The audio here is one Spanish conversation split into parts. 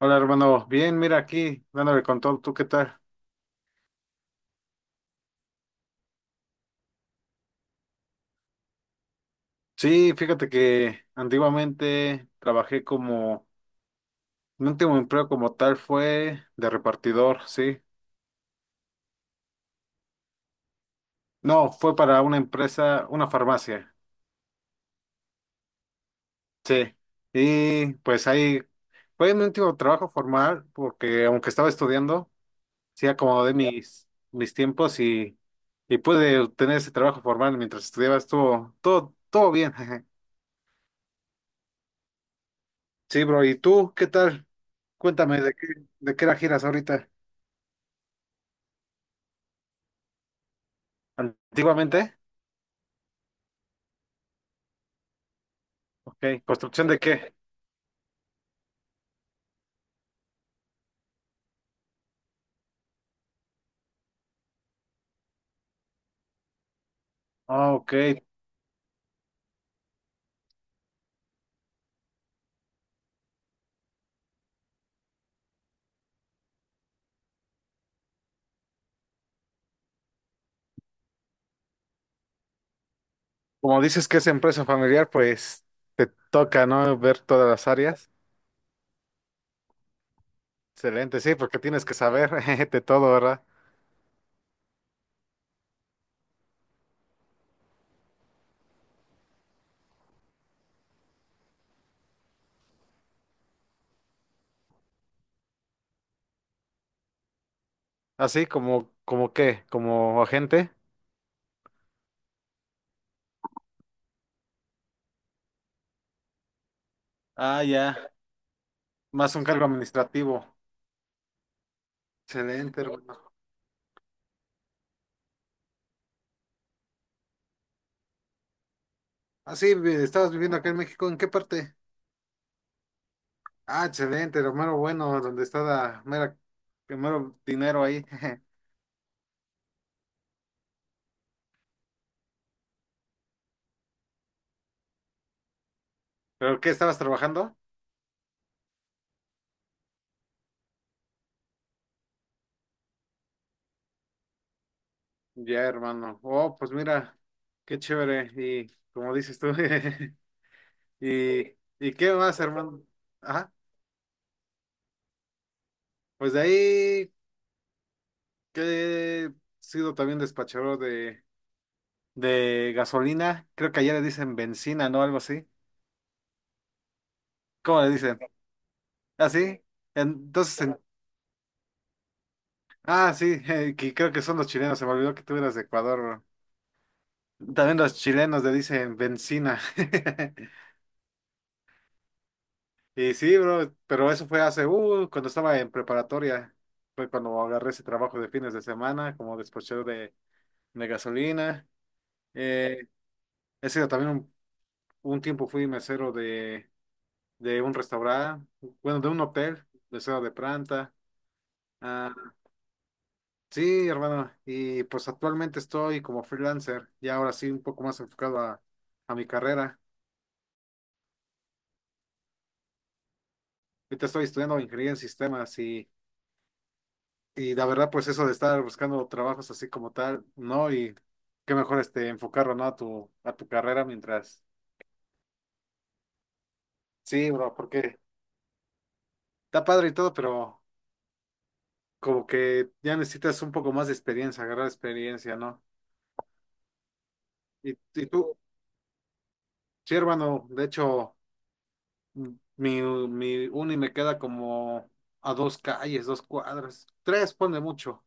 Hola hermano, bien, mira aquí, dándole con todo, ¿tú qué tal? Sí, fíjate que antiguamente trabajé como, mi último empleo como tal fue de repartidor, sí. No, fue para una empresa, una farmacia, sí. Y pues ahí fue mi último trabajo formal, porque aunque estaba estudiando, sí acomodé mis tiempos y pude obtener ese trabajo formal mientras estudiaba, estuvo todo, todo bien. Sí, bro, ¿y tú qué tal? Cuéntame, ¿de qué era giras ahorita? ¿Antiguamente? Ok, ¿construcción de qué? Ah, ok, como dices que es empresa familiar, pues te toca, ¿no? Ver todas las áreas. Excelente, sí, porque tienes que saber de todo, ¿verdad? Así como qué, como agente. Ah, ya, más un cargo administrativo. Excelente, hermano. Ah, sí, estabas viviendo acá en México, ¿en qué parte? Ah, excelente, lo mero bueno, donde está la mera, el mero dinero ahí. ¿Pero qué estabas trabajando? Ya, hermano. Oh, pues mira, qué chévere. Y como dices tú, y, ¿y qué más, hermano? Ajá. Pues de ahí que he sido también despachador de gasolina. Creo que allá le dicen benzina, ¿no? Algo así. ¿Cómo le dicen? ¿Ah, sí? Entonces, ah, sí, que creo que son los chilenos. Se me olvidó que tú eras de Ecuador, bro. También los chilenos le dicen benzina. Y sí, bro, pero eso fue hace, cuando estaba en preparatoria. Fue cuando agarré ese trabajo de fines de semana como despachero de gasolina. Eh, he sido también un tiempo fui mesero de un restaurante, bueno, de un hotel, mesero de planta. Ah, sí, hermano, y pues actualmente estoy como freelancer, y ahora sí un poco más enfocado a mi carrera. Ahorita estoy estudiando ingeniería en sistemas. Y la verdad, pues eso de estar buscando trabajos así como tal, ¿no? Y qué mejor este enfocarlo, ¿no? A tu carrera mientras. Sí, bro, porque está padre y todo, pero como que ya necesitas un poco más de experiencia, agarrar experiencia, ¿no? Y tú, sí, hermano, de hecho, m- mi, mi uni me queda como a dos calles, dos cuadras, tres, pone mucho.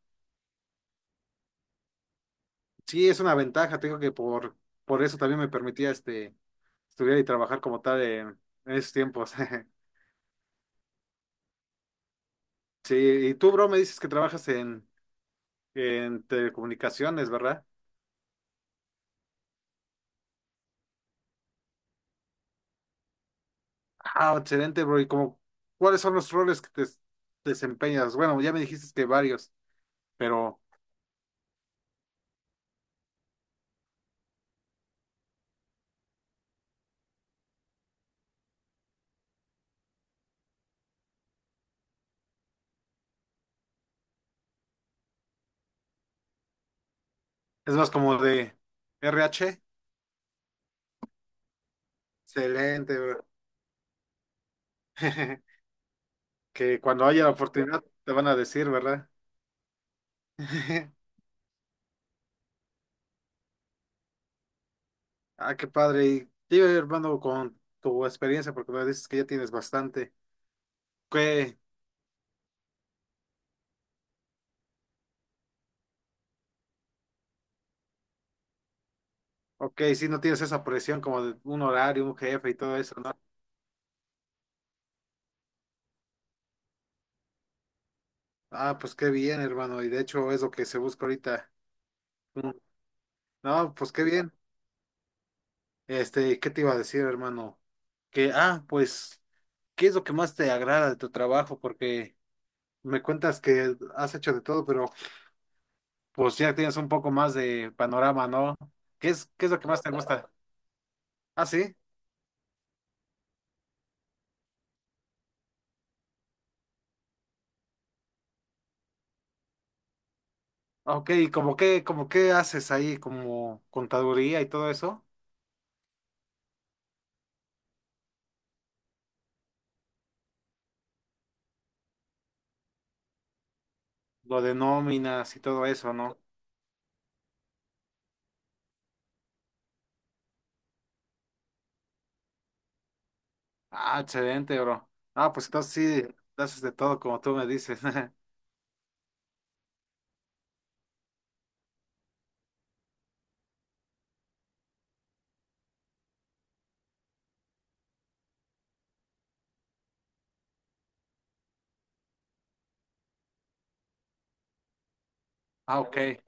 Sí, es una ventaja, te digo que por eso también me permitía este estudiar y trabajar como tal en esos tiempos. Sí, y tú, bro, me dices que trabajas en telecomunicaciones, ¿verdad? Ah, excelente, bro. ¿Y como cuáles son los roles que te desempeñas? Bueno, ya me dijiste que varios, pero es más como de RH. Excelente, bro. Que cuando haya la oportunidad te van a decir, ¿verdad? Ah, qué padre. Y dime, hermano, con tu experiencia, porque me dices que ya tienes bastante. Que, ok, si no tienes esa presión como de un horario, un jefe y todo eso, ¿no? Ah, pues qué bien, hermano. Y de hecho es lo que se busca ahorita. Mm. No, pues qué bien. Este, ¿qué te iba a decir, hermano? Que, ah, pues, ¿qué es lo que más te agrada de tu trabajo? Porque me cuentas que has hecho de todo, pero pues ya tienes un poco más de panorama, ¿no? ¿Qué es lo que más te gusta? Ah, sí. Ah, ok, ¿y como qué haces ahí? Como contaduría y todo eso. Lo de nóminas y todo eso, ¿no? Ah, excelente, bro. Ah, pues entonces sí, haces de todo como tú me dices. Ah, ok.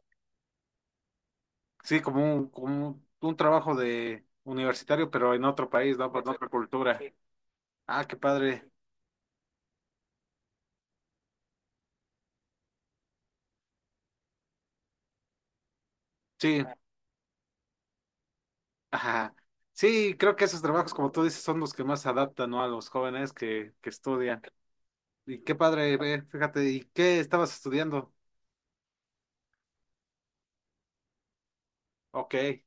Sí, como un, un trabajo de universitario, pero en otro país, ¿no? Con otra cultura. Sí. Ah, qué padre. Sí. Ajá. Sí, creo que esos trabajos, como tú dices, son los que más se adaptan, ¿no? A los jóvenes que estudian. Y qué padre, ve, fíjate, ¿y qué estabas estudiando? Ok.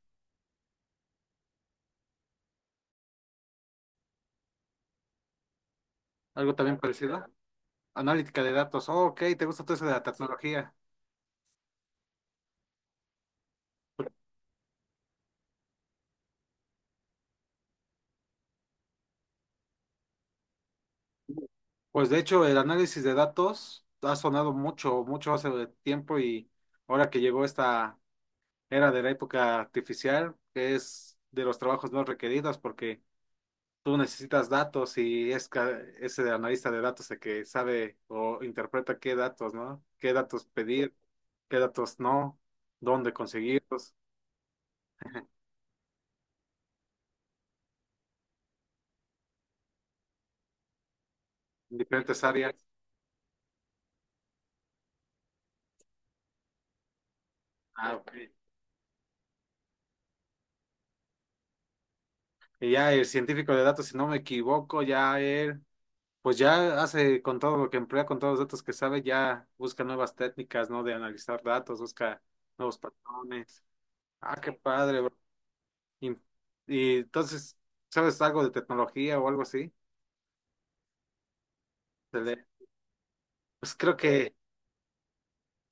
¿Algo también parecido? Analítica de datos. Oh, ok, ¿te gusta todo eso de la tecnología? Pues de hecho, el análisis de datos ha sonado mucho, mucho hace tiempo y ahora que llegó esta era de la época artificial, que es de los trabajos no requeridos porque tú necesitas datos y es ese analista de datos el que sabe o interpreta qué datos, ¿no? Qué datos pedir, qué datos no, dónde conseguirlos, en diferentes áreas. Ah, ok. Y ya el científico de datos, si no me equivoco, ya él, pues ya hace con todo lo que emplea, con todos los datos que sabe, ya busca nuevas técnicas, ¿no? De analizar datos, busca nuevos patrones. Ah, qué padre, bro. Y, y entonces, ¿sabes algo de tecnología o algo así? De le- Pues creo que,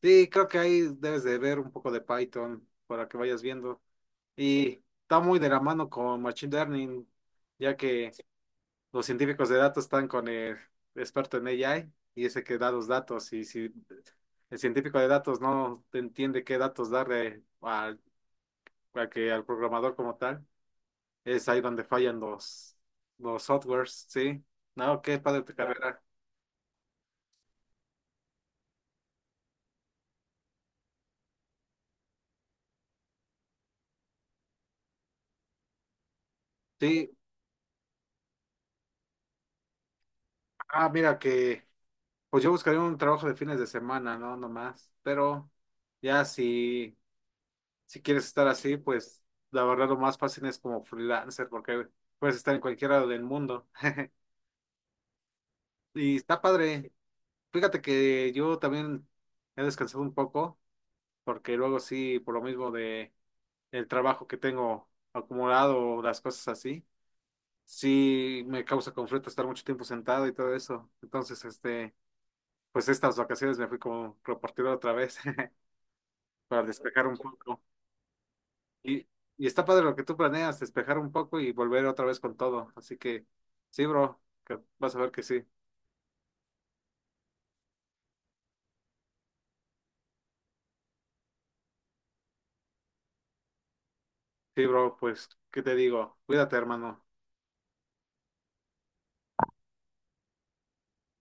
sí, creo que ahí debes de ver un poco de Python para que vayas viendo. Y está muy de la mano con Machine Learning, ya que los científicos de datos están con el experto en AI y ese que da los datos. Y si el científico de datos no entiende qué datos darle al, al programador como tal, es ahí donde fallan los softwares, ¿sí? No, qué padre tu carrera. Sí, ah, mira que, pues yo buscaría un trabajo de fines de semana, ¿no? Nomás. Pero ya si, si quieres estar así, pues la verdad lo más fácil es como freelancer, porque puedes estar en cualquier lado del mundo. Y está padre. Fíjate que yo también he descansado un poco, porque luego sí, por lo mismo de el trabajo que tengo acumulado, o las cosas así, sí me causa conflicto estar mucho tiempo sentado y todo eso. Entonces, este, pues estas vacaciones me fui como repartido otra vez. Para despejar un poco. Y, y está padre lo que tú planeas, despejar un poco y volver otra vez con todo. Así que, sí, bro, que vas a ver que sí. Sí, bro, pues, ¿qué te digo? Cuídate, hermano.